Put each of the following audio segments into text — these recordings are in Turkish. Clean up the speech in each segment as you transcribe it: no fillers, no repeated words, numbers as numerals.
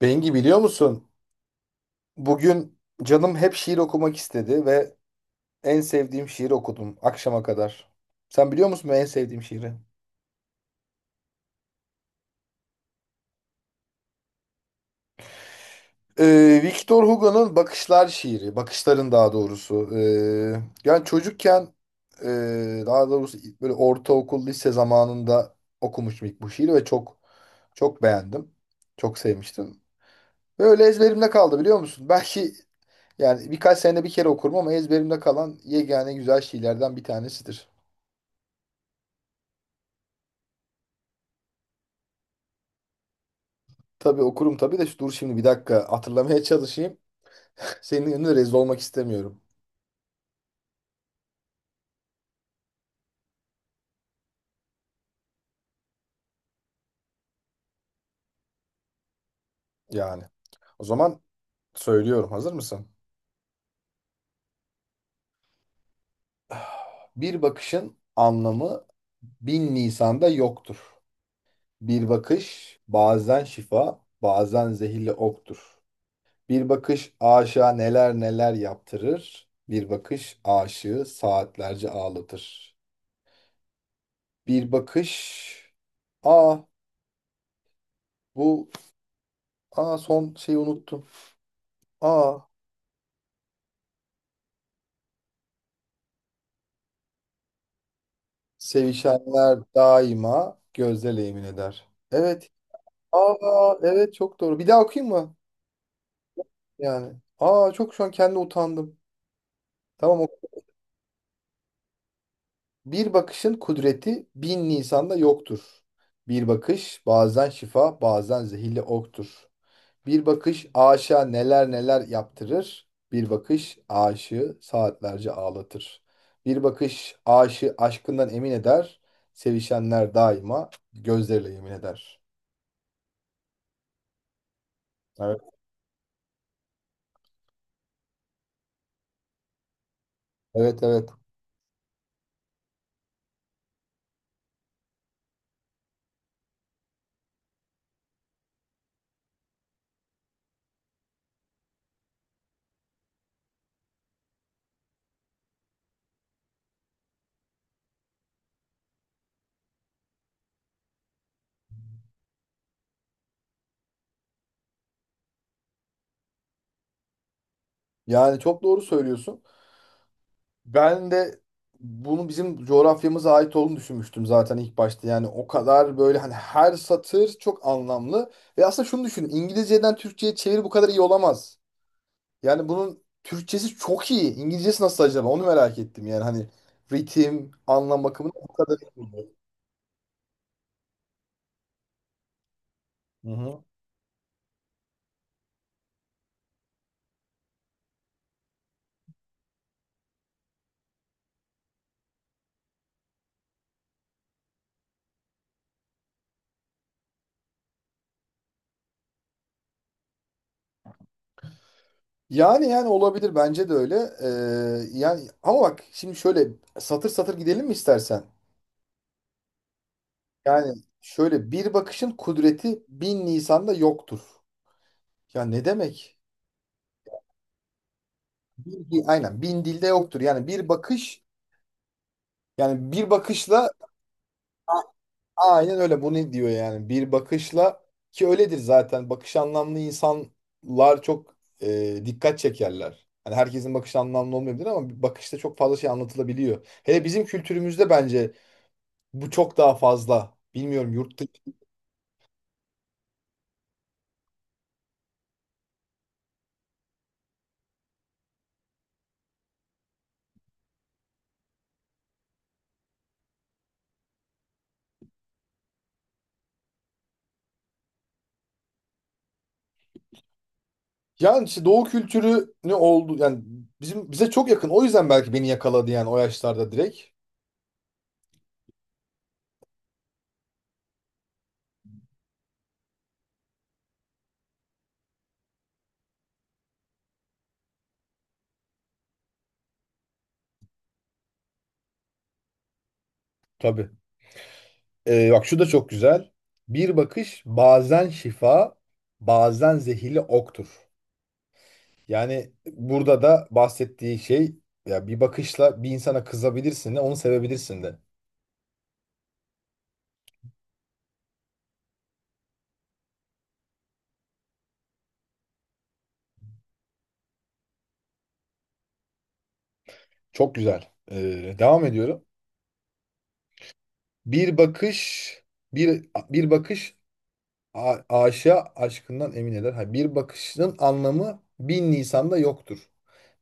Bengi biliyor musun? Bugün canım hep şiir okumak istedi ve en sevdiğim şiiri okudum akşama kadar. Sen biliyor musun benim en sevdiğim şiiri? Victor Hugo'nun Bakışlar şiiri, bakışların daha doğrusu. Yani çocukken e, daha doğrusu böyle ortaokul, lise zamanında okumuştum ilk bu şiiri ve çok çok beğendim. Çok sevmiştim. Böyle ezberimde kaldı biliyor musun? Belki yani birkaç senede bir kere okurum ama ezberimde kalan yegane güzel şiirlerden bir tanesidir. Tabii okurum tabii de dur şimdi bir dakika hatırlamaya çalışayım. Senin önünde rezil olmak istemiyorum yani. O zaman söylüyorum. Hazır mısın? Bir bakışın anlamı bin Nisan'da yoktur. Bir bakış bazen şifa, bazen zehirli oktur. Bir bakış aşığa neler neler yaptırır. Bir bakış aşığı saatlerce ağlatır. Bir bakış... Aa, bu... Aa, son şeyi unuttum. Aa, sevişenler daima gözle emin eder. Evet. Aa, evet, çok doğru. Bir daha okuyayım mı? Yani. Aa, çok şu an kendi utandım. Tamam. Oku. Bir bakışın kudreti bin Nisan'da yoktur. Bir bakış bazen şifa, bazen zehirli oktur. Bir bakış aşığa neler neler yaptırır. Bir bakış aşığı saatlerce ağlatır. Bir bakış aşığı aşkından emin eder. Sevişenler daima gözleriyle yemin eder. Evet. Evet, evet. Yani çok doğru söylüyorsun. Ben de bunu bizim coğrafyamıza ait olduğunu düşünmüştüm zaten ilk başta. Yani o kadar böyle, hani her satır çok anlamlı. Ve aslında şunu düşünün. İngilizceden Türkçe'ye çeviri bu kadar iyi olamaz. Yani bunun Türkçesi çok iyi. İngilizcesi nasıl acaba? Onu merak ettim. Yani hani ritim, anlam bakımından bu kadar iyi. Hı hı. Yani olabilir, bence de öyle. Yani ama bak, şimdi şöyle satır satır gidelim mi istersen? Yani şöyle, bir bakışın kudreti bin lisanda yoktur. Ya ne demek? Bir, aynen bin dilde yoktur. Yani bir bakış, yani bir bakışla a- aynen öyle, bunu diyor yani. Bir bakışla, ki öyledir zaten. Bakış anlamlı insanlar çok dikkat çekerler. Hani herkesin bakışı anlamlı olmayabilir ama bir bakışta çok fazla şey anlatılabiliyor. Hele bizim kültürümüzde bence bu çok daha fazla. Bilmiyorum yurt. Yani işte doğu kültürü ne oldu, yani bize çok yakın. O yüzden belki beni yakaladı yani, o yaşlarda direkt. Tabii. Bak şu da çok güzel. Bir bakış bazen şifa, bazen zehirli oktur. Yani burada da bahsettiği şey, ya bir bakışla bir insana kızabilirsin de, onu sevebilirsin de. Çok güzel. Devam ediyorum. Bir bakış bir bir bakış a- aşığa aşkından emin eder. Ha, bir bakışın anlamı bin Nisan'da yoktur.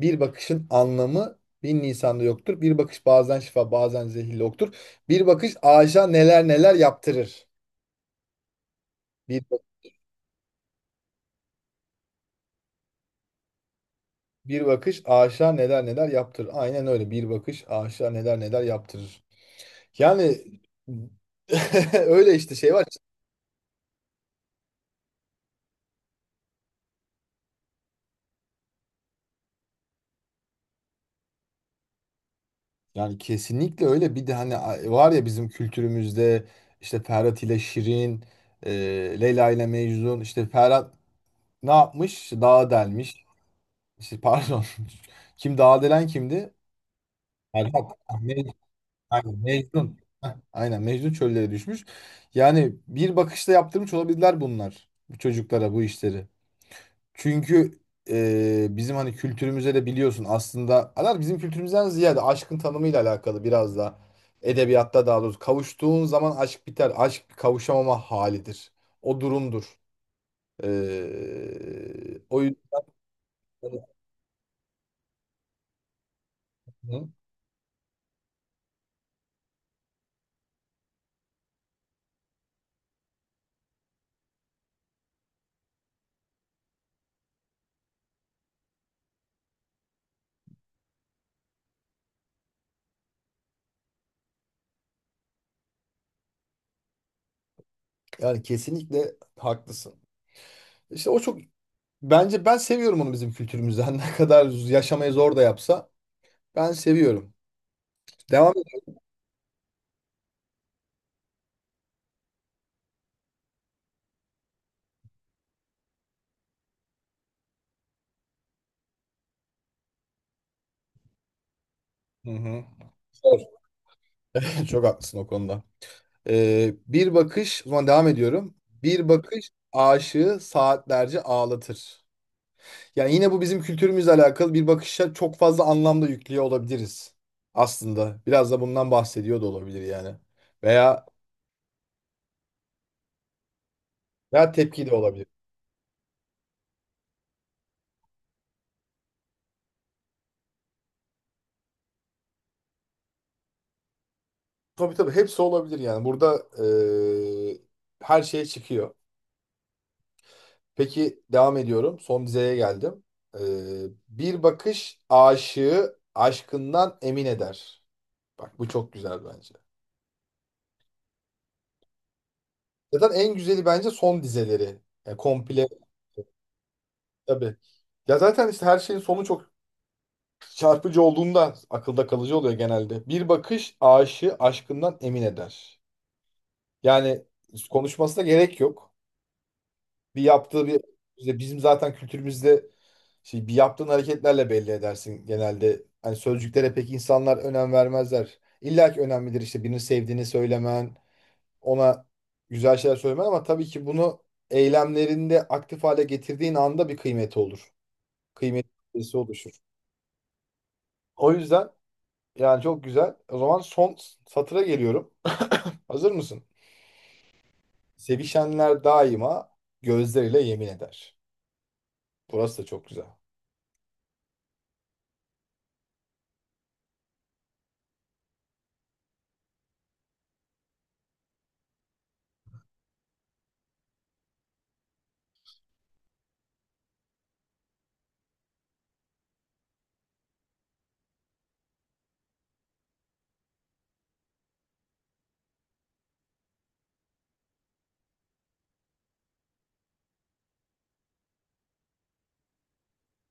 Bir bakışın anlamı bin Nisan'da yoktur. Bir bakış bazen şifa, bazen zehirli oktur. Bir bakış aşığa neler neler yaptırır. Bir, bak- bir bakış aşığa neler neler yaptırır. Aynen öyle. Bir bakış aşığa neler neler yaptırır. Yani öyle işte, şey var. Yani kesinlikle öyle. Bir de hani var ya, bizim kültürümüzde işte Ferhat ile Şirin, e, Leyla ile Mecnun. İşte Ferhat ne yapmış? İşte dağa delmiş. İşte pardon. Kim dağa delen kimdi? Ferhat. Ah, aynen, Mecnun. Heh, aynen, Mecnun çöllere düşmüş. Yani bir bakışta yaptırmış olabilirler bunlar. Bu çocuklara bu işleri. Çünkü bizim hani kültürümüze de biliyorsun, aslında alar bizim kültürümüzden ziyade aşkın tanımıyla alakalı biraz da, edebiyatta daha doğrusu, kavuştuğun zaman aşk biter. Aşk bir kavuşamama halidir. O durumdur. O yüzden, yani kesinlikle haklısın. İşte o çok, bence ben seviyorum onu bizim kültürümüzden. Ne kadar yaşamayı zor da yapsa ben seviyorum. Devam et. Hı hı. Zor. Çok haklısın o konuda. Bir bakış, o zaman devam ediyorum. Bir bakış aşığı saatlerce ağlatır. Yani yine bu bizim kültürümüzle alakalı, bir bakışa çok fazla anlamda yüklüyor olabiliriz aslında. Biraz da bundan bahsediyor da olabilir yani. Veya veya tepki de olabilir. Tabii tabii, hepsi olabilir yani. Burada her şey çıkıyor. Peki devam ediyorum. Son dizeye geldim. Eee, Bir bakış aşığı aşkından emin eder. Bak bu çok güzel bence. Zaten en güzeli bence son dizeleri. Yani komple, tabii. Ya zaten işte, her şeyin sonu çok çarpıcı olduğunda akılda kalıcı oluyor genelde. Bir bakış aşığı aşkından emin eder. Yani konuşmasına gerek yok. Bir yaptığı bir işte bizim zaten kültürümüzde, şey, bir yaptığın hareketlerle belli edersin genelde. Hani sözcüklere pek insanlar önem vermezler. İlla ki önemlidir işte birini sevdiğini söylemen, ona güzel şeyler söylemen, ama tabii ki bunu eylemlerinde aktif hale getirdiğin anda bir kıymeti olur. Kıymetli birisi oluşur. O yüzden yani çok güzel. O zaman son satıra geliyorum. Hazır mısın? Sevişenler daima gözleriyle yemin eder. Burası da çok güzel.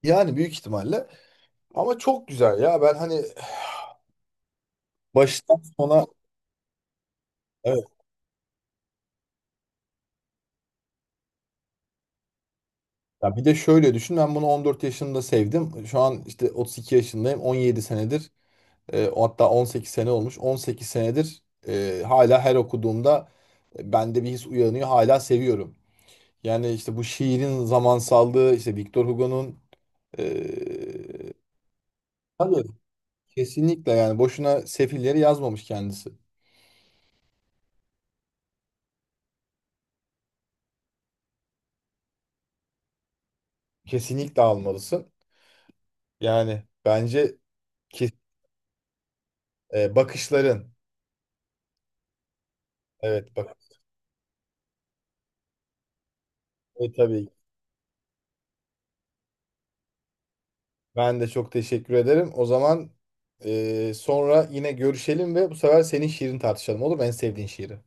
Yani büyük ihtimalle, ama çok güzel ya. Ben hani baştan sona, evet. Ya bir de şöyle düşün, ben bunu 14 yaşında sevdim. Şu an işte 32 yaşındayım. 17 senedir, o, hatta 18 sene olmuş. 18 senedir, hala her okuduğumda bende bir his uyanıyor. Hala seviyorum. Yani işte bu şiirin zamansallığı, işte Victor Hugo'nun e, tabii, kesinlikle, yani boşuna sefilleri yazmamış kendisi. Kesinlikle almalısın. Yani bence, ki, bakışların. Evet, bak, tabii, ben de çok teşekkür ederim. O zaman sonra yine görüşelim ve bu sefer senin şiirini tartışalım, olur mu? En sevdiğin şiiri.